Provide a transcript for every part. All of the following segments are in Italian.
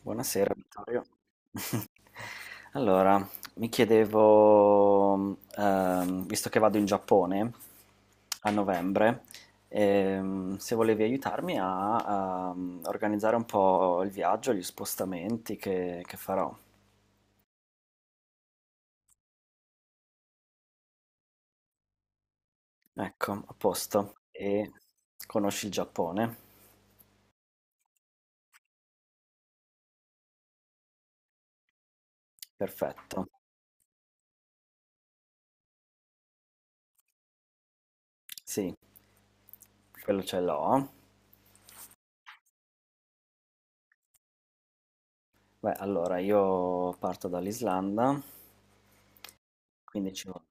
Buonasera Vittorio. Allora, mi chiedevo, visto che vado in Giappone a novembre, se volevi aiutarmi a, organizzare un po' il viaggio, gli spostamenti che farò. Ecco, a posto. E conosci il Giappone? Perfetto. Sì, quello ce l'ho. Beh, allora io parto dall'Islanda, 15 giorni.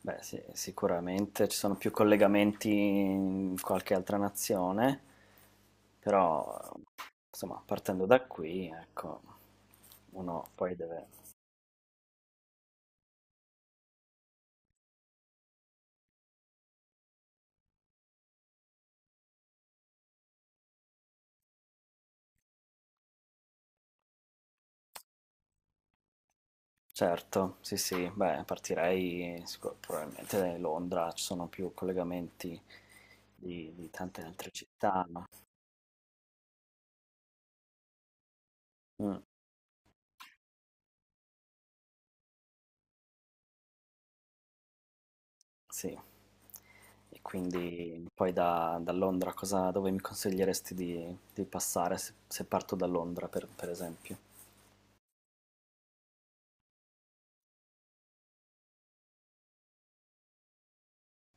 Beh, sì, sicuramente ci sono più collegamenti in qualche altra nazione, però insomma, partendo da qui, ecco, uno poi deve... Certo, sì, sì, beh, partirei probabilmente da Londra, ci sono più collegamenti di tante altre città, no? Mm, sì. E quindi poi da Londra cosa, dove mi consiglieresti di passare se, se parto da Londra, per esempio?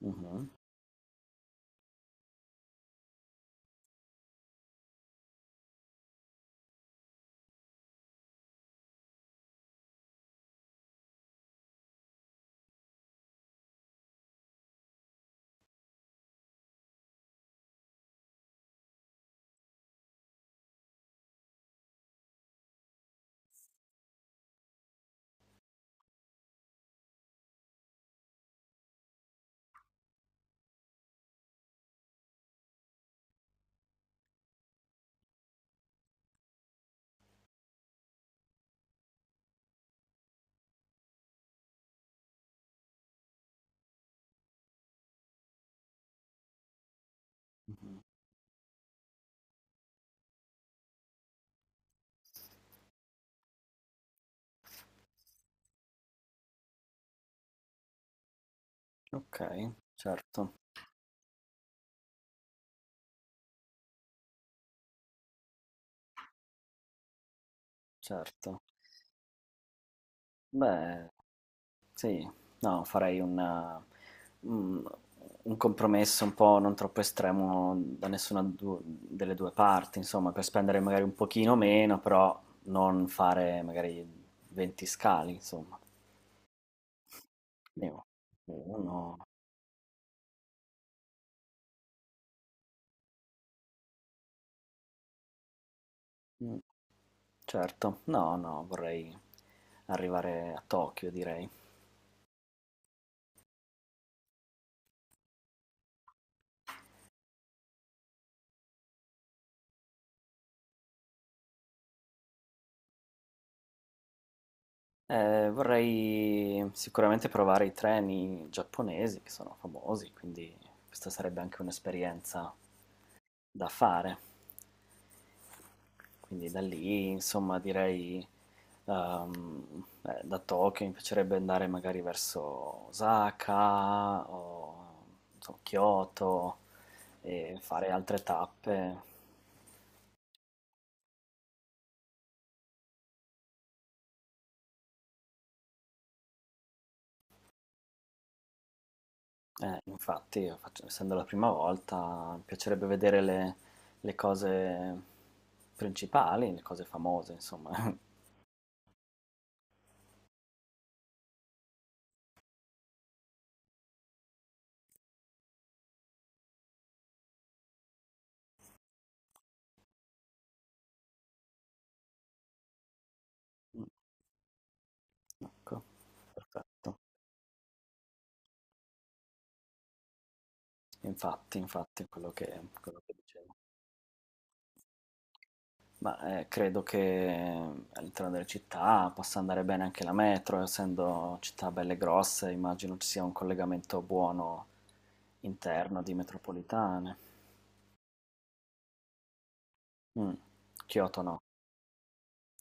Mhm. Okay, certo, certo. Beh, sì, no, farei un mhmm, un un compromesso un po' non troppo estremo da nessuna du delle 2 parti, insomma, per spendere magari un pochino meno, però non fare magari 20 scali, insomma. Ne u uno mh, certo. No, vorrei arrivare a Tokyo, direi. Vorrei sicuramente provare i treni giapponesi che sono famosi, quindi questa sarebbe anche un'esperienza da fare. Quindi da lì, insomma, direi da Tokyo mi piacerebbe andare magari verso Osaka o non so, Kyoto e fare altre tappe. Infatti, essendo la prima volta, mi piacerebbe vedere le cose principali, le cose famose, insomma. Mm, ecco, perfetto. Infatti, quello che dicevo. Ma credo che all'interno delle città possa andare bene anche la metro, essendo città belle grosse, immagino ci sia un collegamento buono interno di metropolitane. Mm, Kyoto no.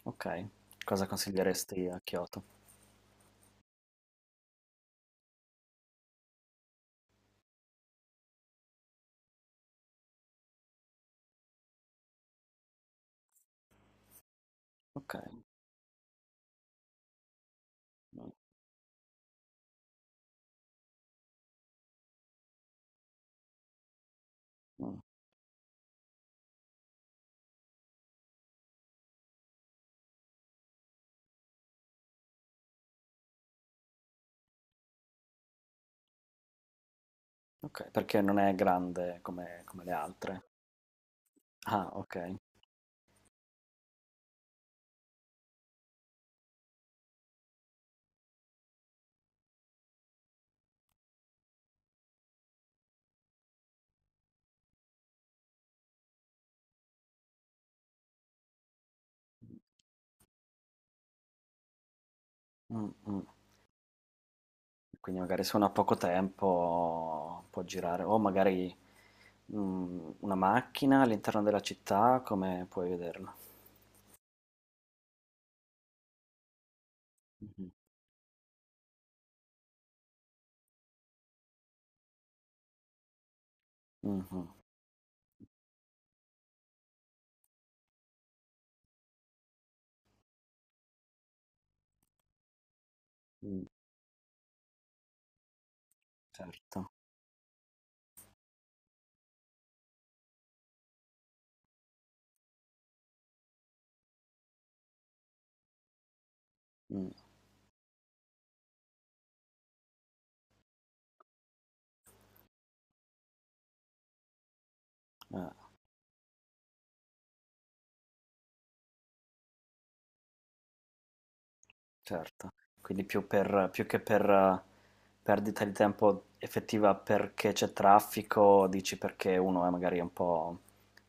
Ok, cosa consiglieresti a Kyoto? Okay. Mh, mh, okay, perché non è grande come come le altre. Ah, okay. Mh, mh. Quindi magari se uno ha poco tempo può girare o magari, una macchina all'interno della città, come puoi vederla? Mh-mh. Mh-mh. Mh, certo. Mh, eh. Certo, quindi più che per, perdita di tempo effettiva perché c'è traffico, dici perché uno è magari un po'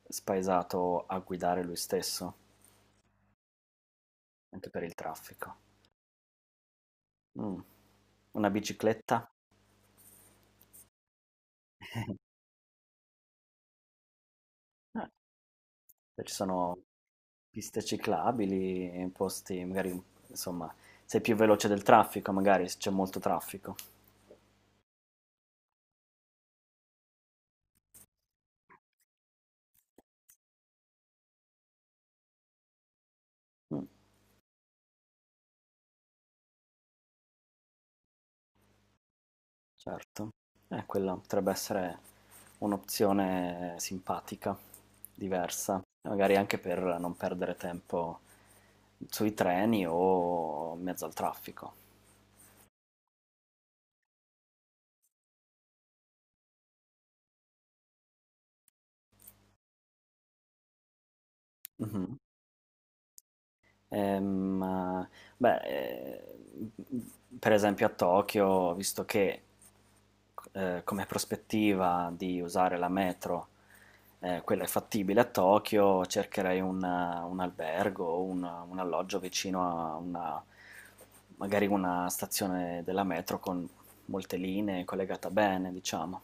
spaesato a guidare lui stesso, anche per il traffico. Mh. Una bicicletta? Eh, beh, ci sono piste ciclabili, posti magari, insomma, sei più veloce del traffico magari, se c'è molto traffico. Mh. Certo. Quella potrebbe essere un'opzione simpatica, diversa, magari anche per non perdere tempo sui treni o in mezzo al traffico. Mhm. Ehm, ma- beh, per esempio a Tokyo, ho visto che come prospettiva di usare la metro, quella è fattibile a Tokyo, cercherei un albergo, un alloggio vicino a una, magari una stazione della metro con molte linee collegata bene, diciamo.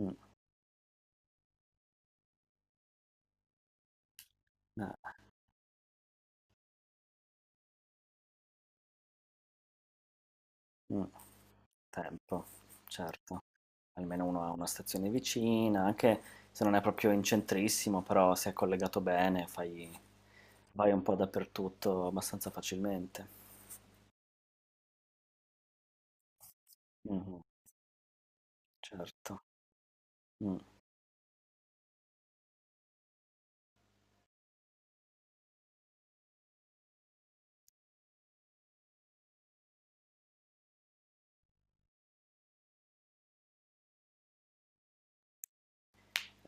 Mm, eh, mm, tempo, certo. Almeno uno ha una stazione vicina, anche se non è proprio in centrissimo, però se è collegato bene fai vai un po' dappertutto abbastanza facilmente. Mh-mh, certo. Mh.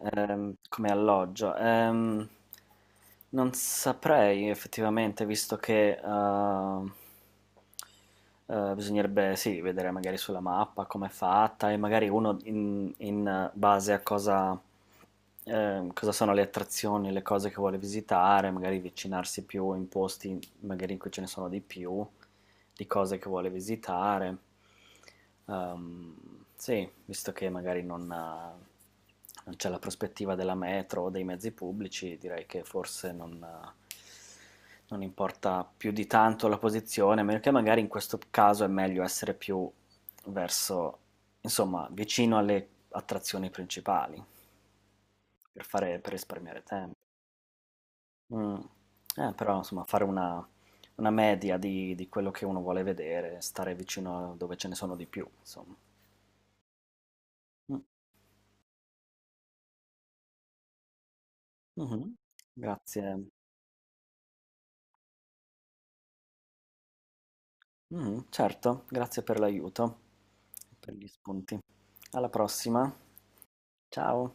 Come alloggio. Non saprei effettivamente, visto che bisognerebbe sì, vedere magari sulla mappa come è fatta e magari uno in base a cosa, cosa sono le attrazioni, le cose che vuole visitare, magari avvicinarsi più in posti magari in cui ce ne sono di più, di cose che vuole visitare. Sì, visto che magari non c'è la prospettiva della metro o dei mezzi pubblici, direi che forse non importa più di tanto la posizione, a meno che magari in questo caso è meglio essere più verso, insomma, vicino alle attrazioni principali, per fare, per risparmiare tempo. Mh. Però insomma fare una media di quello che uno vuole vedere, stare vicino a dove ce ne sono di più, insomma. Mh. Mh-mh. Grazie. Mh-mh, certo, grazie per l'aiuto, per gli spunti. Alla prossima. Ciao.